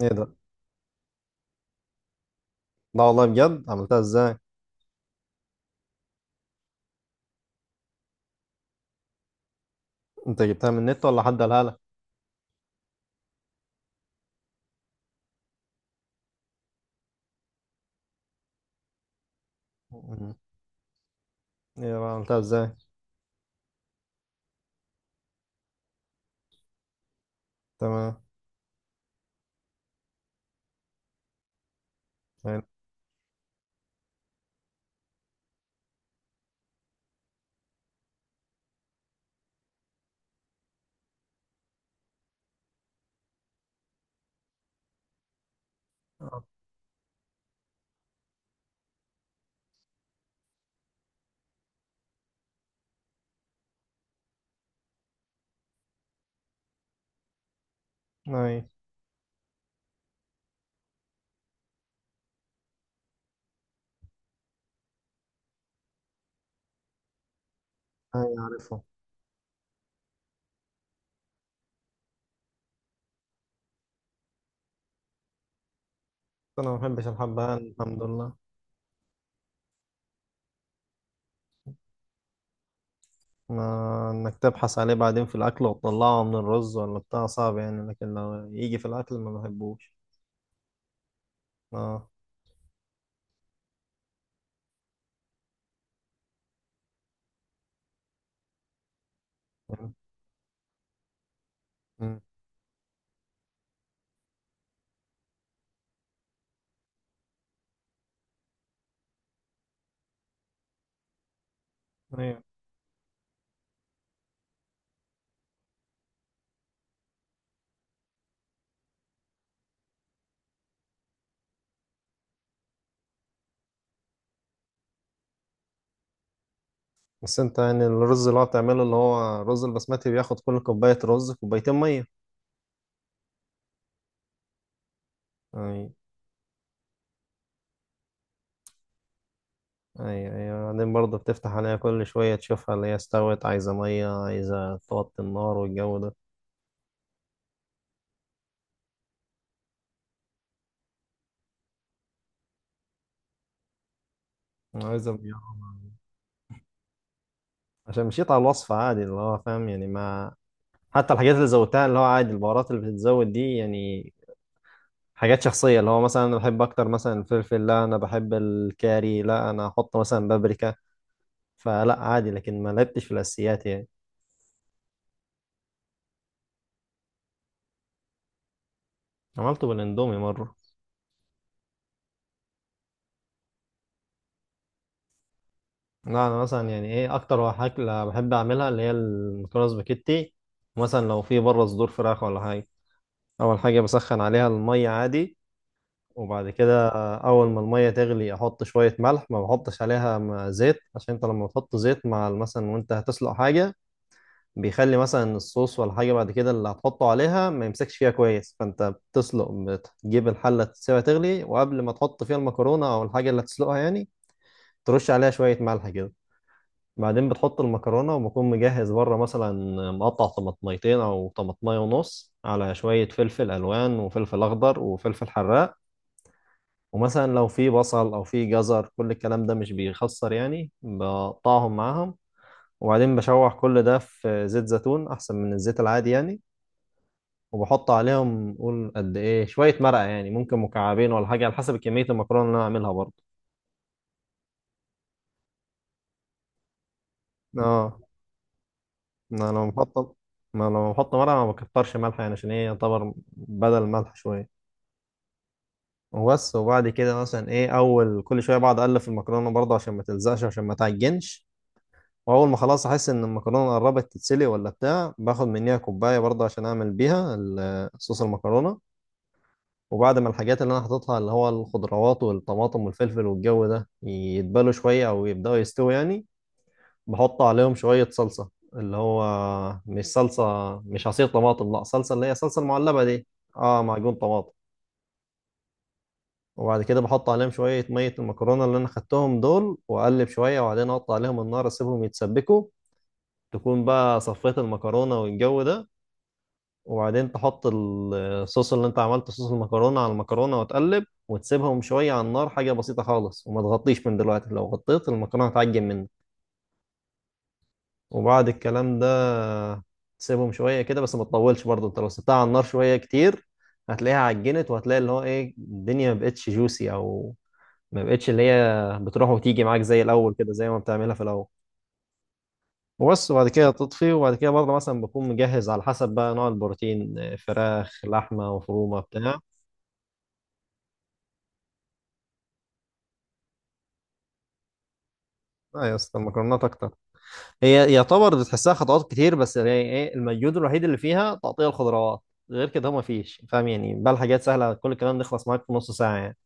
ايه ده؟ لا والله، بجد عملتها ازاي؟ انت جبتها من النت ولا حد قالها لك؟ مم. ايه بقى، عملتها ازاي؟ تمام. اي. اي. أي، عارفه. انا ما بحبش الحبهان، الحمد لله. ما انك تبحث عليه بعدين في الاكل وتطلعه من الرز ولا بتاع صعب يعني، لكن لو يجي في الاكل ما بحبوش. اه. مم. مم. ايوه. بس انت يعني الرز اللي هو بتعمله اللي هو رز البسمتي بياخد كل كوباية رز كوبايتين مية. اي. ايوه ايوه، بعدين برضه بتفتح عليها كل شوية تشوفها اللي هي استوت، عايزة مية، عايزة توطي النار والجو ده. عايزة بيها. عشان مشيت على الوصفة عادي اللي هو فاهم يعني ما. حتى الحاجات اللي زودتها اللي هو عادي، البهارات اللي بتتزود دي يعني حاجات شخصية، اللي هو مثلا أنا بحب أكتر مثلا الفلفل، لا أنا بحب الكاري، لا أنا أحط مثلا بابريكا، فلا عادي لكن ما لعبتش في الأساسيات يعني. عملته بالإندومي مرة. لا انا مثلا يعني ايه اكتر اكله بحب اعملها اللي هي المكرونه سباكيتي. مثلا لو في بره صدور فراخ ولا حاجه، اول حاجه بسخن عليها الميه عادي. وبعد كده اول ما الميه تغلي احط شويه ملح، ما بحطش عليها زيت، عشان انت لما تحط زيت مع مثلا وانت هتسلق حاجه، بيخلي مثلا الصوص ولا حاجه بعد كده اللي هتحطه عليها ما يمسكش فيها كويس. فانت بتسلق، بتجيب الحله تسيبها تغلي، وقبل ما تحط فيها المكرونه او الحاجه اللي هتسلقها يعني ترش عليها شويه ملح كده. بعدين بتحط المكرونة وبكون مجهز بره مثلا مقطع طماطميتين أو طماطمية ونص، على شوية فلفل ألوان وفلفل أخضر وفلفل حراق. ومثلا لو في بصل أو في جزر كل الكلام ده مش بيخسر يعني بقطعهم معاهم. وبعدين بشوح كل ده في زيت زيتون أحسن من الزيت العادي يعني. وبحط عليهم قول قد إيه شوية مرقة، يعني ممكن مكعبين ولا حاجة على حسب كمية المكرونة اللي أنا أعملها برضه. اه. انا لو بحط ما لو بحط ملح ما بكترش ملح يعني، عشان ايه يعتبر بدل الملح شويه. وبس. وبعد كده مثلا ايه اول كل شويه بقعد اقلب في المكرونه برضه عشان ما تلزقش، عشان ما تعجنش. واول ما خلاص احس ان المكرونه قربت تتسلق ولا بتاع، باخد منيها كوبايه برضه عشان اعمل بيها صوص المكرونه. وبعد ما الحاجات اللي انا حاططها اللي هو الخضروات والطماطم والفلفل والجو ده يتبلوا شويه او يبداوا يستووا يعني، بحط عليهم شوية صلصة، اللي هو مش صلصة، مش عصير طماطم، لا صلصة اللي هي صلصة المعلبة دي. اه، معجون طماطم. وبعد كده بحط عليهم شوية مية المكرونة اللي أنا خدتهم دول وأقلب شوية، وبعدين أحط عليهم النار أسيبهم يتسبكوا. تكون بقى صفيت المكرونة والجو ده، وبعدين تحط الصوص اللي أنت عملته، صوص المكرونة على المكرونة وتقلب وتسيبهم شوية على النار، حاجة بسيطة خالص. وما تغطيش من دلوقتي، لو غطيت المكرونة هتعجن منك. وبعد الكلام ده تسيبهم شوية كده، بس ما تطولش برضه، انت لو سبتها على النار شوية كتير هتلاقيها عجنت وهتلاقي اللي هو ايه الدنيا ما بقتش جوسي، او ما بقتش اللي هي بتروح وتيجي معاك زي الاول كده زي ما بتعملها في الاول. وبس، وبعد كده تطفي، وبعد كده برضه مثلا بكون مجهز على حسب بقى نوع البروتين، فراخ، لحمة مفرومة، بتاع. لا يا اسطى، المكرونات اكتر. هي يعتبر بتحسها خطوات كتير، بس يعني ايه المجهود الوحيد اللي فيها تقطيع الخضروات، غير كده ما فيش فاهم يعني، بقى الحاجات سهله، كل الكلام ده يخلص معاك في نص ساعه يعني.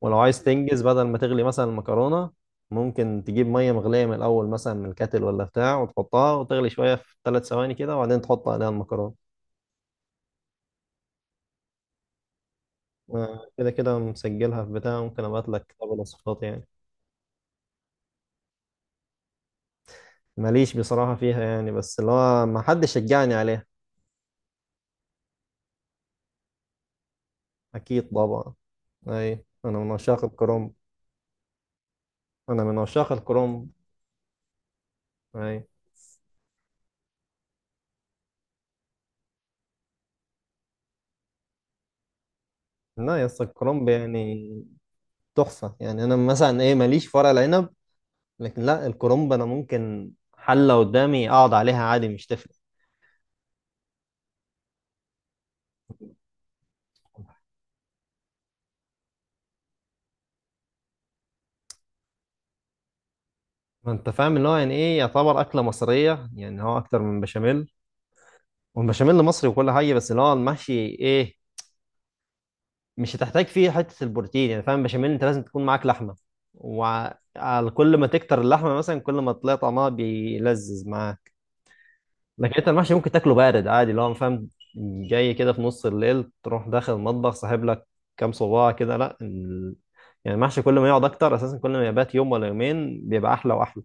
ولو عايز تنجز بدل ما تغلي مثلا المكرونه، ممكن تجيب ميه مغليه من الاول مثلا من الكاتل ولا بتاع وتحطها وتغلي شويه في ثلاث ثواني كده، وبعدين تحط عليها المكرونه. كده كده مسجلها في بتاع، ممكن ابعت لك كتاب الوصفات يعني. ماليش بصراحه فيها يعني، بس اللي هو ما حدش شجعني عليها. اكيد طبعا. اي. انا من عشاق الكرنب. انا من عشاق الكرومب. اي. لا يا اسطى، الكرومب يعني تحفه يعني. انا مثلا ايه، ماليش في ورق العنب، لكن لا الكرومب انا ممكن حله قدامي اقعد عليها عادي مش تفرق. ما انت فاهم اللي هو يعني ايه، يعتبر اكله مصريه يعني، هو اكتر من بشاميل، والبشاميل مصري وكل حاجه، بس اللي هو المحشي ايه، مش هتحتاج فيه حته البروتين يعني، فاهم، بشاميل انت لازم تكون معاك لحمه، وكل ما تكتر اللحمه مثلا كل ما تلاقي طعمها بيلذذ معاك. لكن انت المحشي ممكن تاكله بارد عادي اللي هو فاهم، جاي كده في نص الليل تروح داخل المطبخ ساحب لك كام صباع كده، لا ال... يعني المحشي كل ما يقعد اكتر اساسا كل ما يبات يوم ولا يومين بيبقى احلى واحلى.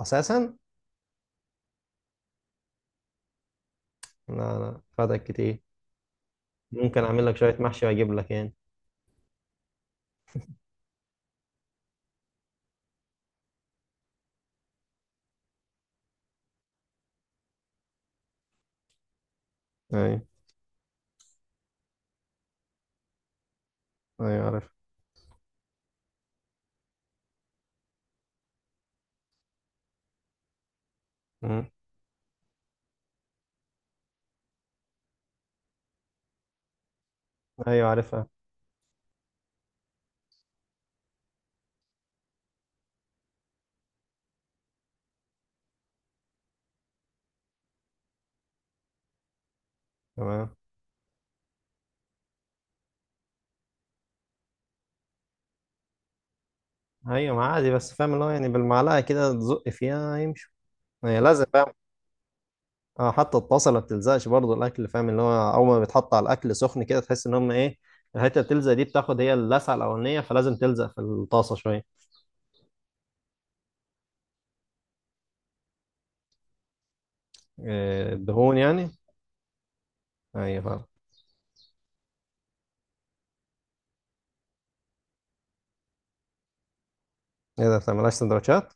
اساسا. لا لا، فاتك كتير. ممكن اعمل لك شويه محشي واجيب لك يعني. ايوه ايوه عارف. مم. ايوه عارفها. تمام. ايوه، ما عادي بس فاهم اللي هو يعني بالمعلقه كده تزق فيها يمشي. هي لازم بقى. اه، حتى الطاسه ما بتلزقش برضو الاكل فاهم، اللي هو اول ما بيتحط على الاكل سخن كده تحس ان هم ايه، الحته بتلزق دي بتاخد هي اللسعه الاولانيه، فلازم تلزق في الطاسه شويه. إيه، الدهون يعني. ايوه فعلا. ايه ده، ما بتعملهاش سندوتشات؟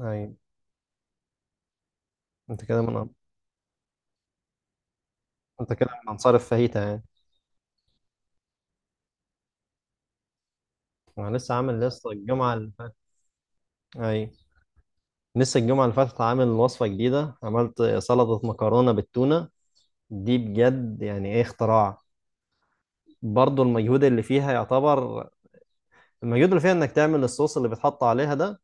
ايوه. انت كده من انت كده من انصار الفاهيتا يعني. انا لسه عامل، لسه الجمعه اللي فاتت. ايوه، لسه الجمعه اللي فاتت عامل وصفه جديده، عملت سلطه مكرونه بالتونه. دي بجد يعني ايه اختراع. برضو المجهود اللي فيها يعتبر، المجهود اللي فيها انك تعمل الصوص اللي بيتحط عليها ده،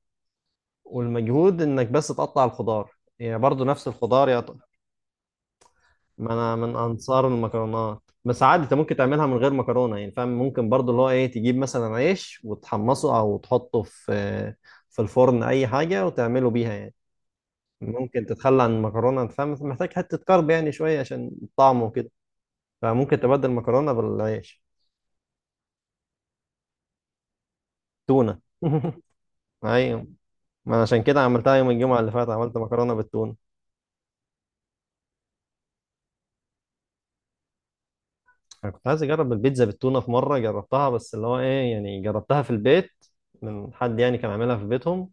والمجهود انك بس تقطع الخضار يعني برضو نفس الخضار ما انا من انصار المكرونات، بس عادي انت ممكن تعملها من غير مكرونه يعني، فاهم، ممكن برضو اللي هو ايه تجيب مثلا عيش وتحمصه او تحطه في الفرن اي حاجه وتعمله بيها يعني، ممكن تتخلى عن المكرونه، انت فاهم محتاج حته كرب يعني شويه عشان الطعم وكده، فممكن تبدل المكرونه بالعيش. تونه ايوه، ما انا عشان كده عملتها يوم الجمعه اللي فات، عملت مكرونه بالتونه. انا كنت عايز اجرب البيتزا بالتونه في مره جربتها، بس اللي هو ايه يعني جربتها في البيت من حد يعني كان عاملها في بيتهم.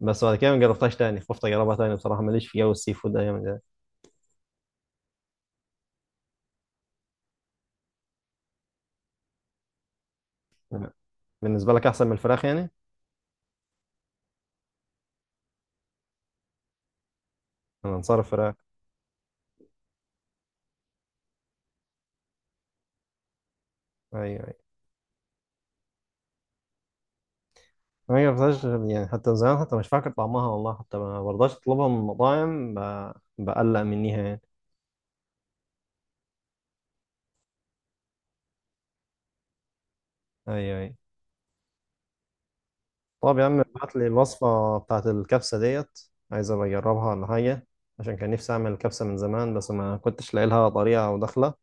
بس بعد كده ما جربتهاش تاني، خفت اجربها تاني بصراحه، ماليش في جو السي فود ده يعني. ده بالنسبه لك احسن من الفراخ يعني. انا انصار الفراخ. ايوه ايوه. ما جربتهاش يعني، حتى من زمان حتى مش فاكر طعمها والله، حتى ما برضاش اطلبها من المطاعم بقلق منيها يعني. ايوه ايوه. طب يا عم، ابعت لي الوصفه بتاعت الكبسه ديت، عايز ابقى اجربها ولا حاجه، عشان كان نفسي اعمل كبسه من زمان بس ما كنتش لاقي لها طريقه او دخله،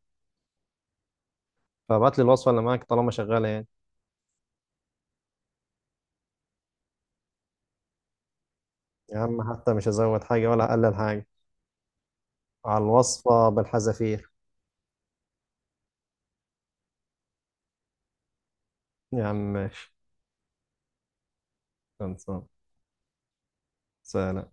فابعت لي الوصفة اللي معاك طالما شغالة يعني. يا عم حتى مش هزود حاجة ولا هقلل حاجة، على الوصفة بالحذافير. يا عم ماشي. خلصان. سلام.